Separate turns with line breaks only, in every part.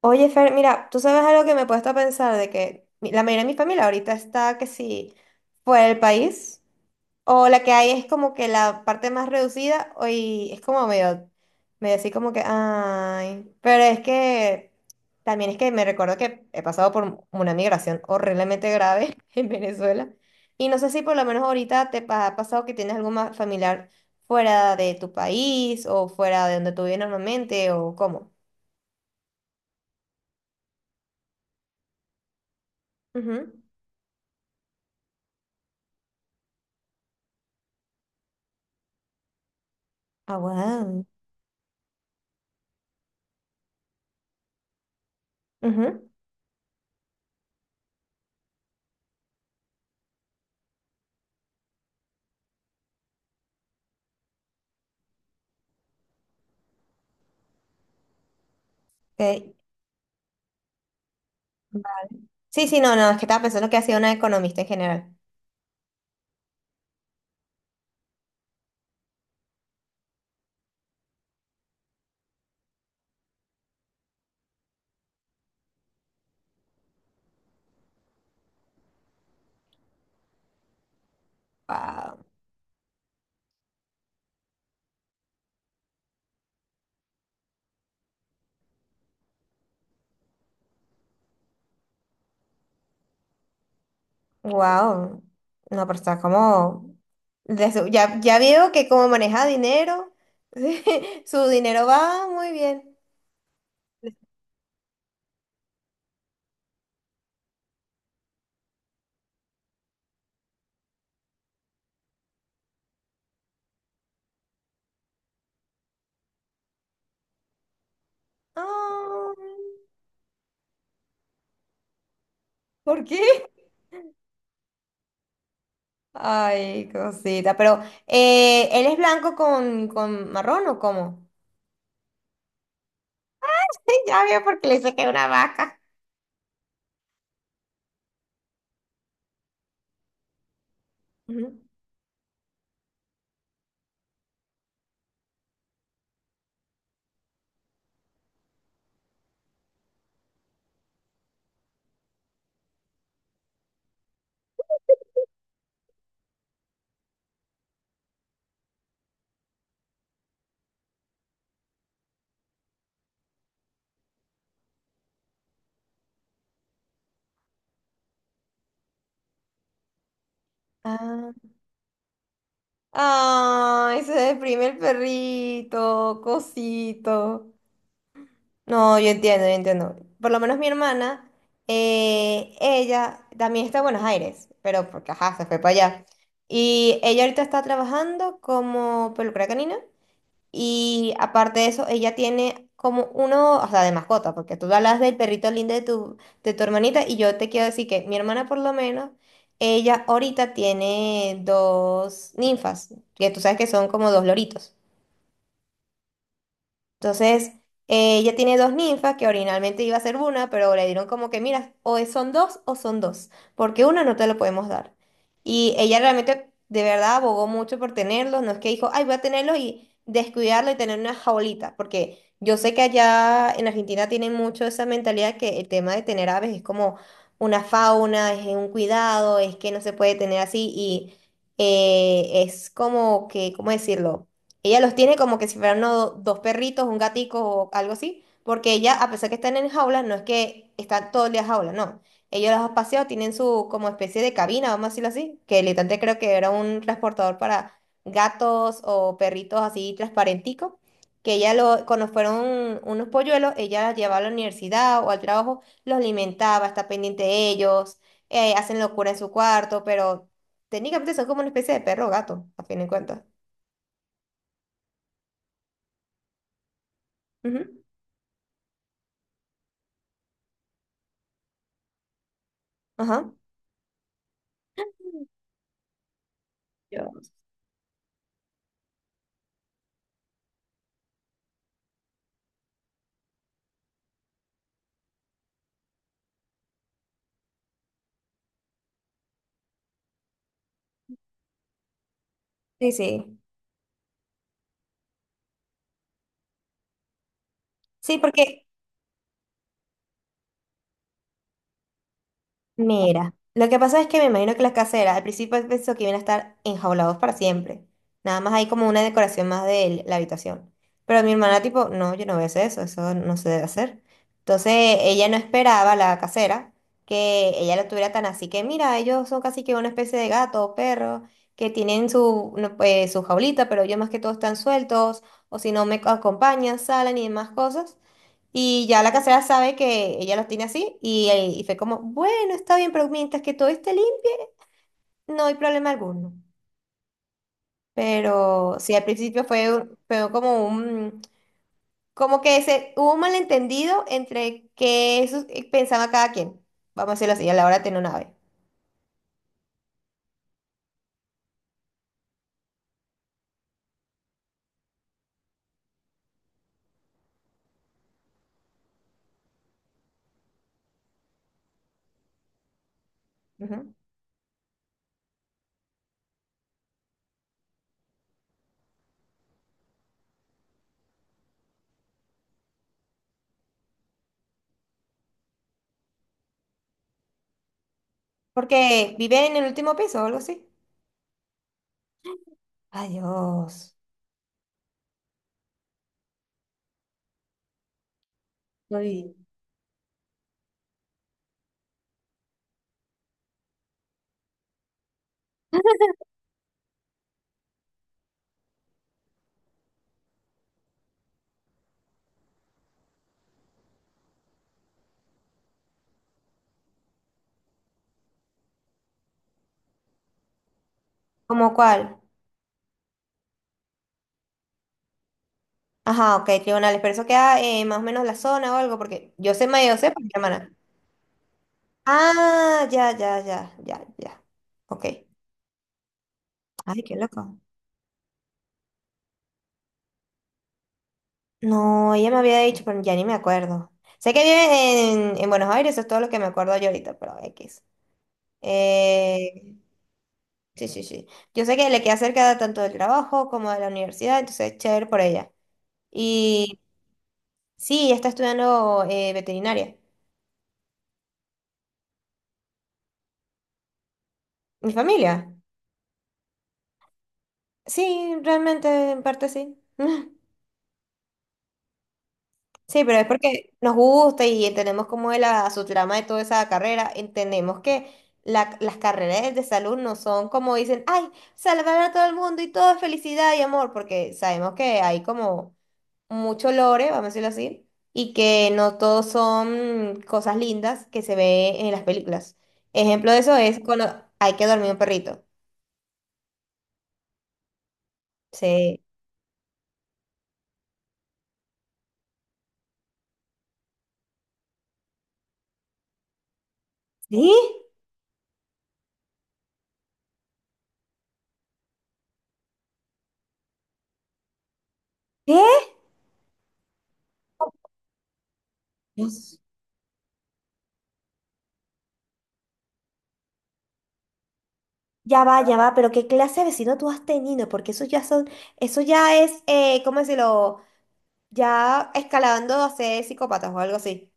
Oye, Fer, mira, tú sabes, algo que me he puesto a pensar, de que la mayoría de mi familia ahorita está que si fuera del país, o la que hay es como que la parte más reducida. O Y es como medio así como que, ay, pero es que también es que me recuerdo que he pasado por una migración horriblemente grave en Venezuela. Y no sé si por lo menos ahorita ha pasado que tienes algún familiar fuera de tu país o fuera de donde tú vives normalmente, o cómo. Ujú. Ah, wow. Ujú, ok. Va. Sí, sí, no, no, es que estaba pensando que hacía una economista en general. Wow. Wow. No, pero está como... ya, ya veo que como maneja dinero, su dinero va muy bien. Ah, ¿por qué? Ay, cosita, pero ¿él es blanco con marrón, o cómo? Ya veo porque le saqué una vaca. Ujú. Ah. Ay, se deprime el perrito, cosito. No, yo entiendo, yo entiendo. Por lo menos mi hermana, ella también está en Buenos Aires, pero porque, ajá, se fue para allá. Y ella ahorita está trabajando como peluquera canina, y aparte de eso, ella tiene como uno, o sea, de mascota, porque tú hablas del perrito lindo de tu hermanita, y yo te quiero decir que mi hermana, por lo menos, ella ahorita tiene dos ninfas, que tú sabes que son como dos loritos. Entonces, ella tiene dos ninfas, que originalmente iba a ser una, pero le dieron como que, mira, son dos o son dos, porque una no te lo podemos dar. Y ella realmente, de verdad, abogó mucho por tenerlos, no es que dijo, ay, voy a tenerlos y descuidarlo y tener una jaulita, porque yo sé que allá en Argentina tienen mucho esa mentalidad, que el tema de tener aves es como una fauna, es un cuidado, es que no se puede tener así. Y es como que, ¿cómo decirlo? Ella los tiene como que si fueran dos perritos, un gatico o algo así, porque ella, a pesar que están en jaula, no es que están todo el día en jaula, no. Ellos los han paseado, tienen su como especie de cabina, vamos a decirlo así, que literalmente creo que era un transportador para gatos o perritos, así transparentico, que ella lo, cuando fueron unos polluelos, ella los llevaba a la universidad o al trabajo, los alimentaba, está pendiente de ellos, hacen locura en su cuarto, pero técnicamente son como una especie de perro o gato, a fin de cuentas. Ujú. Ajá. Dios. Sí, sí. Sí, porque, mira, lo que pasa es que me imagino que las caseras al principio pensó que iban a estar enjaulados para siempre. Nada más hay como una decoración más de la habitación. Pero mi hermana, tipo, no, yo no voy a hacer eso, eso no se debe hacer. Entonces, ella no esperaba, la casera, que ella lo tuviera tan así, que, mira, ellos son casi que una especie de gato o perro, que tienen su, no, pues, su jaulita, pero ellos más que todo están sueltos, o si no me acompañan, salen y demás cosas. Y ya la casera sabe que ella los tiene así, y fue como, bueno, está bien, pero mientras que todo esté limpio, no hay problema alguno. Pero sí, al principio fue como un, como que se, hubo un malentendido entre qué pensaba cada quien, vamos a decirlo así, a la hora de tener una ave. Ujú. Porque vive en el último piso o algo así. Adiós. Ay, ¿cómo cuál? Ajá, ok, tribunales, pero eso queda, más o menos, la zona o algo, porque yo sé más, yo sé, por mi hermana. Ah, ya, ya, ya, ya, ya. Ok. Ay, qué loco. No, ella me había dicho, pero ya ni me acuerdo. Sé que vive en Buenos Aires, eso es todo lo que me acuerdo yo ahorita, pero X. Eh, sí, sí, sí. Yo sé que le queda cerca tanto del trabajo como de la universidad, entonces chévere por ella. Y sí, ella está estudiando veterinaria. ¿Mi familia? Sí, realmente en parte sí. Sí, pero es porque nos gusta y entendemos cómo es la, su trama de toda esa carrera. Entendemos que las carreras de salud no son como dicen, ay, salvar a todo el mundo y todo es felicidad y amor, porque sabemos que hay como mucho lore, vamos a decirlo así, y que no todos son cosas lindas que se ve en las películas. Ejemplo de eso es cuando hay que dormir un perrito. Sí. ¿Sí? ¿Qué? Ya va, pero ¿qué clase de vecino tú has tenido? Porque eso ya son, eso ya es, ¿cómo decirlo? Ya escalando a ser psicópatas o algo así.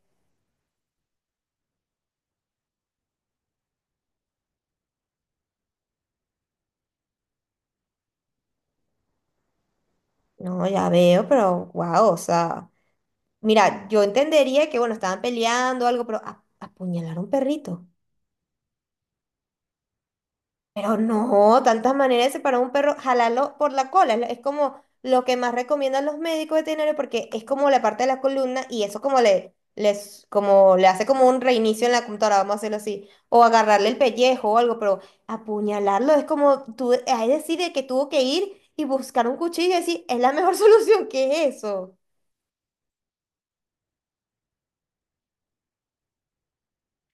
No, ya veo, pero wow, o sea, mira, yo entendería que, bueno, estaban peleando o algo, pero apuñalar a un perrito. Pero no, tantas maneras de separar un perro, jalarlo por la cola, es como lo que más recomiendan los médicos veterinarios, porque es como la parte de la columna, y eso como le, les, como le hace como un reinicio en la computadora, vamos a hacerlo así, o agarrarle el pellejo o algo, pero apuñalarlo es como tú, es decir, de que tuvo que ir y buscar un cuchillo y decir, es la mejor solución, que es eso.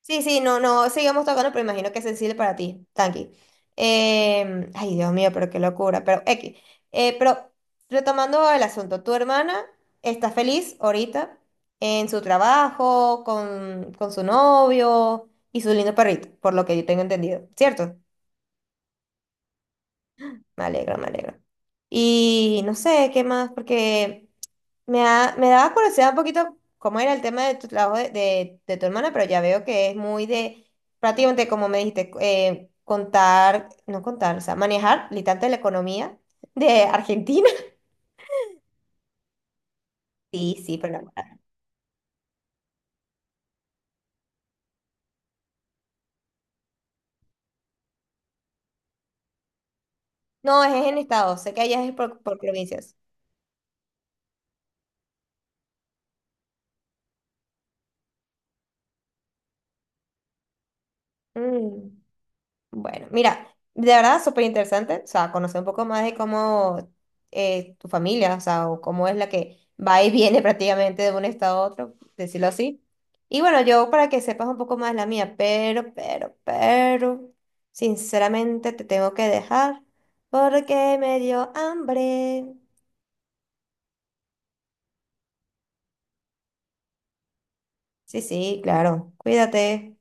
Sí, sí, no, no, sigamos tocando, pero imagino que es sensible para ti, tranqui. Ay, Dios mío, pero qué locura, pero X. Pero retomando el asunto, tu hermana está feliz ahorita en su trabajo, con su novio y su lindo perrito, por lo que yo tengo entendido, ¿cierto? Me alegro, me alegro. Y no sé, ¿qué más? Porque... me daba curiosidad un poquito cómo era el tema de tu trabajo de tu hermana, pero ya veo que es muy de, prácticamente como me dijiste, contar, no contar, o sea, manejar literalmente la economía de Argentina. Sí, sí, pero no. No, es en estado, sé que allá es por provincias. Mm. Bueno, mira, de verdad súper interesante, o sea, conocer un poco más de cómo tu familia, o sea, o cómo es la que va y viene prácticamente de un estado a otro, decirlo así. Y bueno, yo para que sepas un poco más la mía, pero, sinceramente te tengo que dejar porque me dio hambre. Sí, sí, claro, cuídate.